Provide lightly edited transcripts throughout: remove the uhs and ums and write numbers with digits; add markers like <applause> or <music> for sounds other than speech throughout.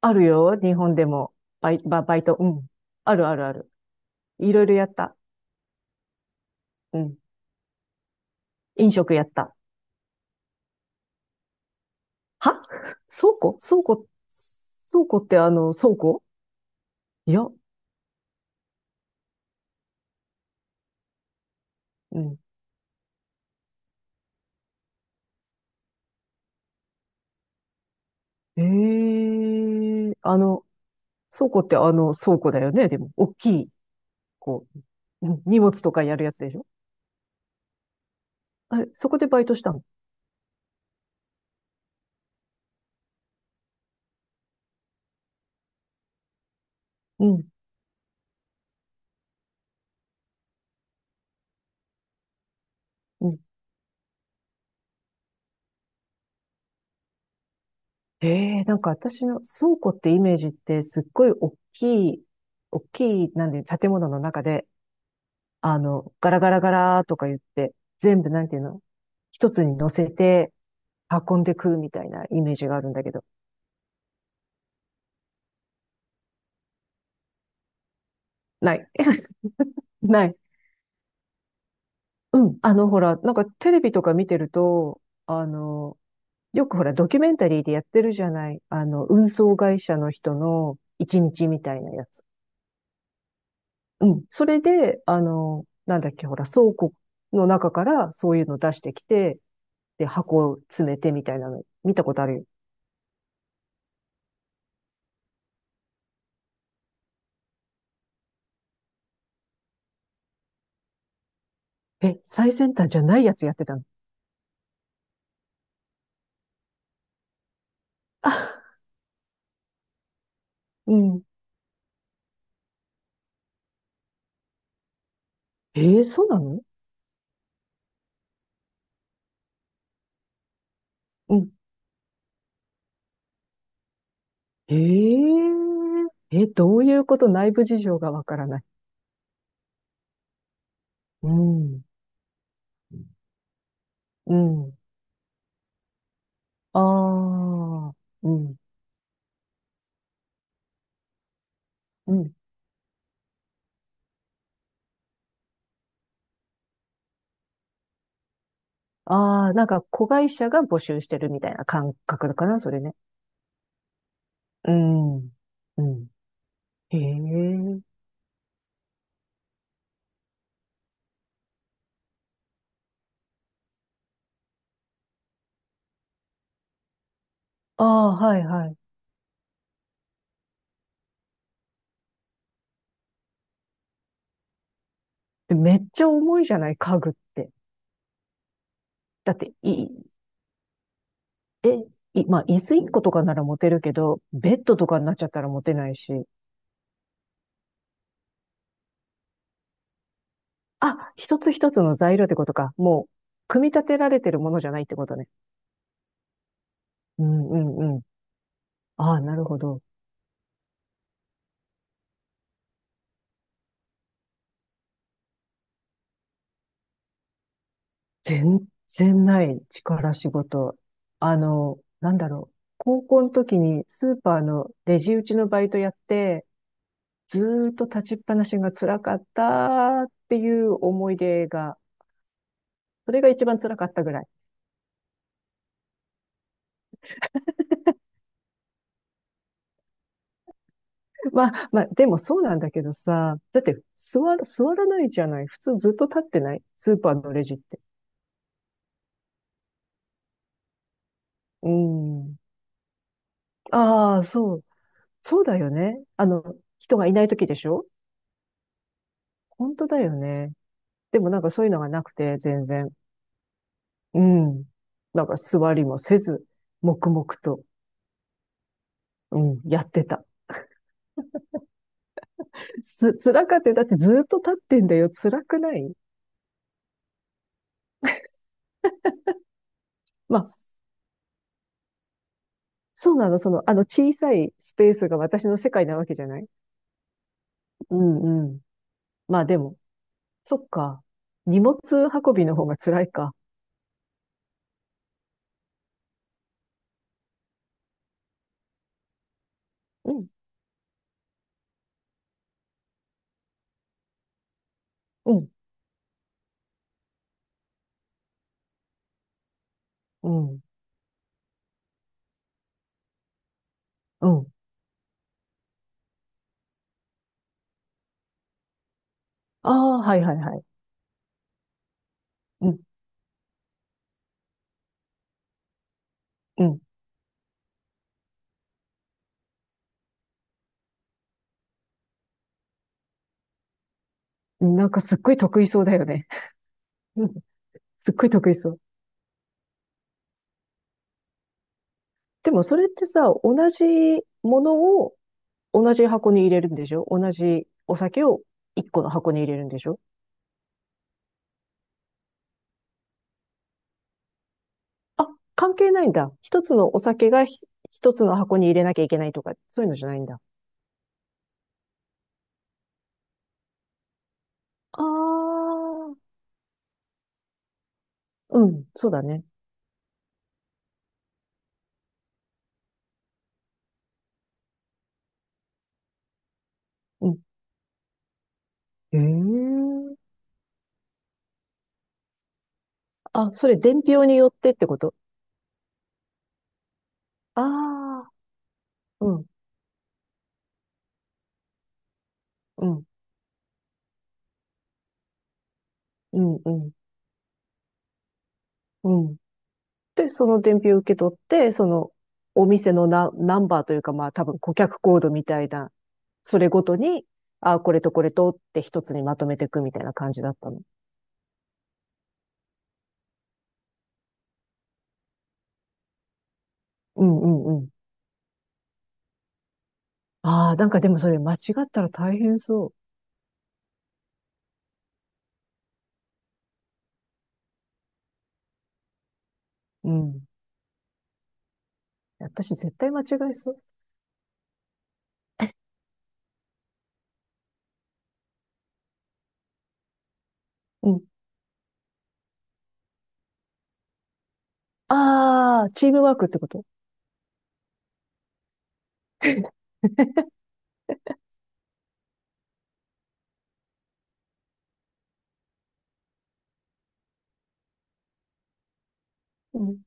あるよ、日本でも。バイト、うん。あるあるある。いろいろやった。うん。飲食やった。は倉庫、倉庫って倉庫いや、うん。ええあの、倉庫って倉庫だよね、でも。大きい、こう、うん、荷物とかやるやつでしょ？あれ、そこでバイトしたの？うん、うん。えなんか私の倉庫ってイメージってすっごい大きい、大きい、なんで、建物の中で、ガラガラガラとか言って、全部なんていうの？一つに乗せて運んでくるみたいなイメージがあるんだけど。ない。<laughs> ない。うん。ほら、なんかテレビとか見てると、よくほら、ドキュメンタリーでやってるじゃない。運送会社の人の一日みたいなやつ。うん。それで、なんだっけ、ほら、倉庫の中からそういうの出してきて、で、箱を詰めてみたいなの、見たことあるよ。え、最先端じゃないやつやってたの？<laughs> うん。そうなの？うん。え、どういうこと？内部事情がわからない。うん。うん。ああ、うん。うん。ああ、なんか子会社が募集してるみたいな感覚だかな、それね。うん。うん。へえ。ああ、はいはい。でめっちゃ重いじゃない、家具って。だって、い、え、い、まあ、椅子1個とかなら持てるけど、ベッドとかになっちゃったら持てないし。あ、一つ一つの材料ってことか。もう、組み立てられてるものじゃないってことね。うんうんうん。ああ、なるほど。全然ない力仕事。なんだろう。高校の時にスーパーのレジ打ちのバイトやって、ずーっと立ちっぱなしが辛かったっていう思い出が、それが一番辛かったぐらい。まあまあ、でもそうなんだけどさ、だって座る、座らないじゃない。普通ずっと立ってない？スーパーのレジって。うん。ああ、そう。そうだよね。人がいない時でしょ？本当だよね。でもなんかそういうのがなくて、全然。うん。なんか座りもせず、黙々と、うん、やってた。辛かったよ。だってずっと立ってんだよ。辛くない？まあ、そうなの。その、あの小さいスペースが私の世界なわけじゃない？うんうん。まあでも、そっか。荷物運びの方が辛いか。うん、うん、うん、うん。ああ、はいはいはい。うん、うん。なんかすっごい得意そうだよね。<laughs> すっごい得意そう。でもそれってさ、同じものを同じ箱に入れるんでしょ？同じお酒を一個の箱に入れるんでしょ？あ、関係ないんだ。一つのお酒が一つの箱に入れなきゃいけないとか、そういうのじゃないんだ。ああ、うん、そうだね。うん。へえ。あ、それ伝票によってってこと？ああー、うん、うん、うん、うん、うん。で、その伝票を受け取って、そのお店のナンバーというか、まあ多分顧客コードみたいな、それごとに、あ、これとこれとって一つにまとめていくみたいな感じだったの？うんうんうん。ああ、なんかでもそれ間違ったら大変そう。うん。私絶対間違えそう。うん。ああ、チームワークってこと？うん。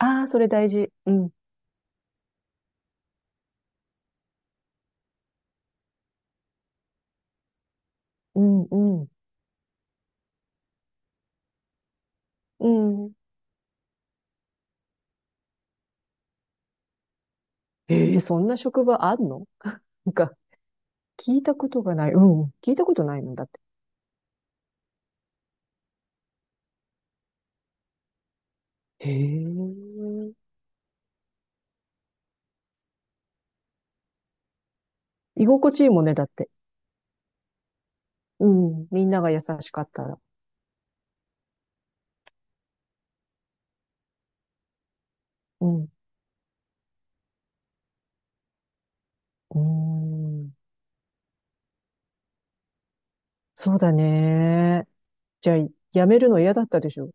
ああ、それ大事。うん。うん、うん。うん。ええ、そんな職場あんの？なんか、聞いたことがない。うん。聞いたことないのだって。へえ。居心地いいもんね、だって。うん。みんなが優しかったら。うん。うーん。そうだね。じゃあ、辞めるの嫌だったでしょ？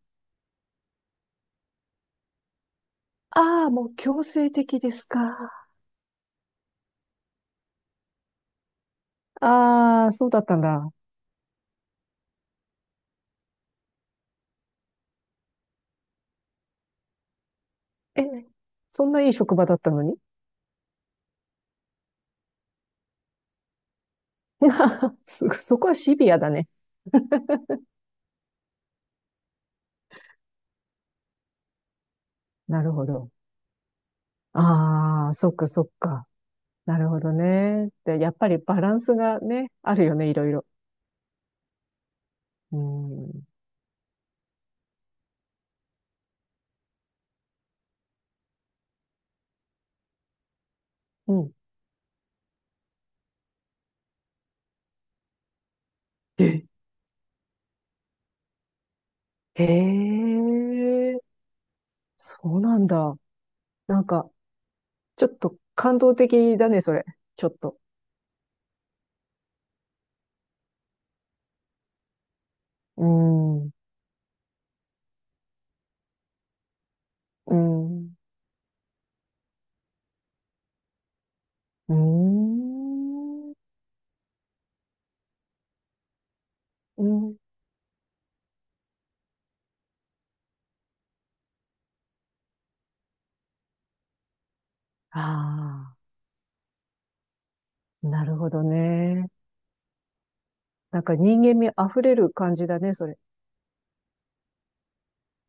ああー、もう強制的ですか？ああ、そうだったんだ。え、そんないい職場だったのに？ <laughs> そこはシビアだね。なるほど。ああ、そっかそっか。なるほどね。で、やっぱりバランスがね、あるよね、いろいろ。うん。うん。えへえ、そうなんだ。なんか、ちょっと感動的だね、それ。ちょっと。うーん、うーん、うーん、うん。ああ、なるほどね。なんか人間味あふれる感じだね、それ。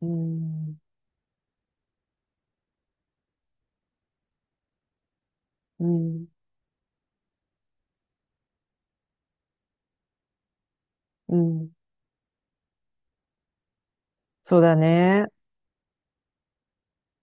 うーん、うん、うん。そうだね。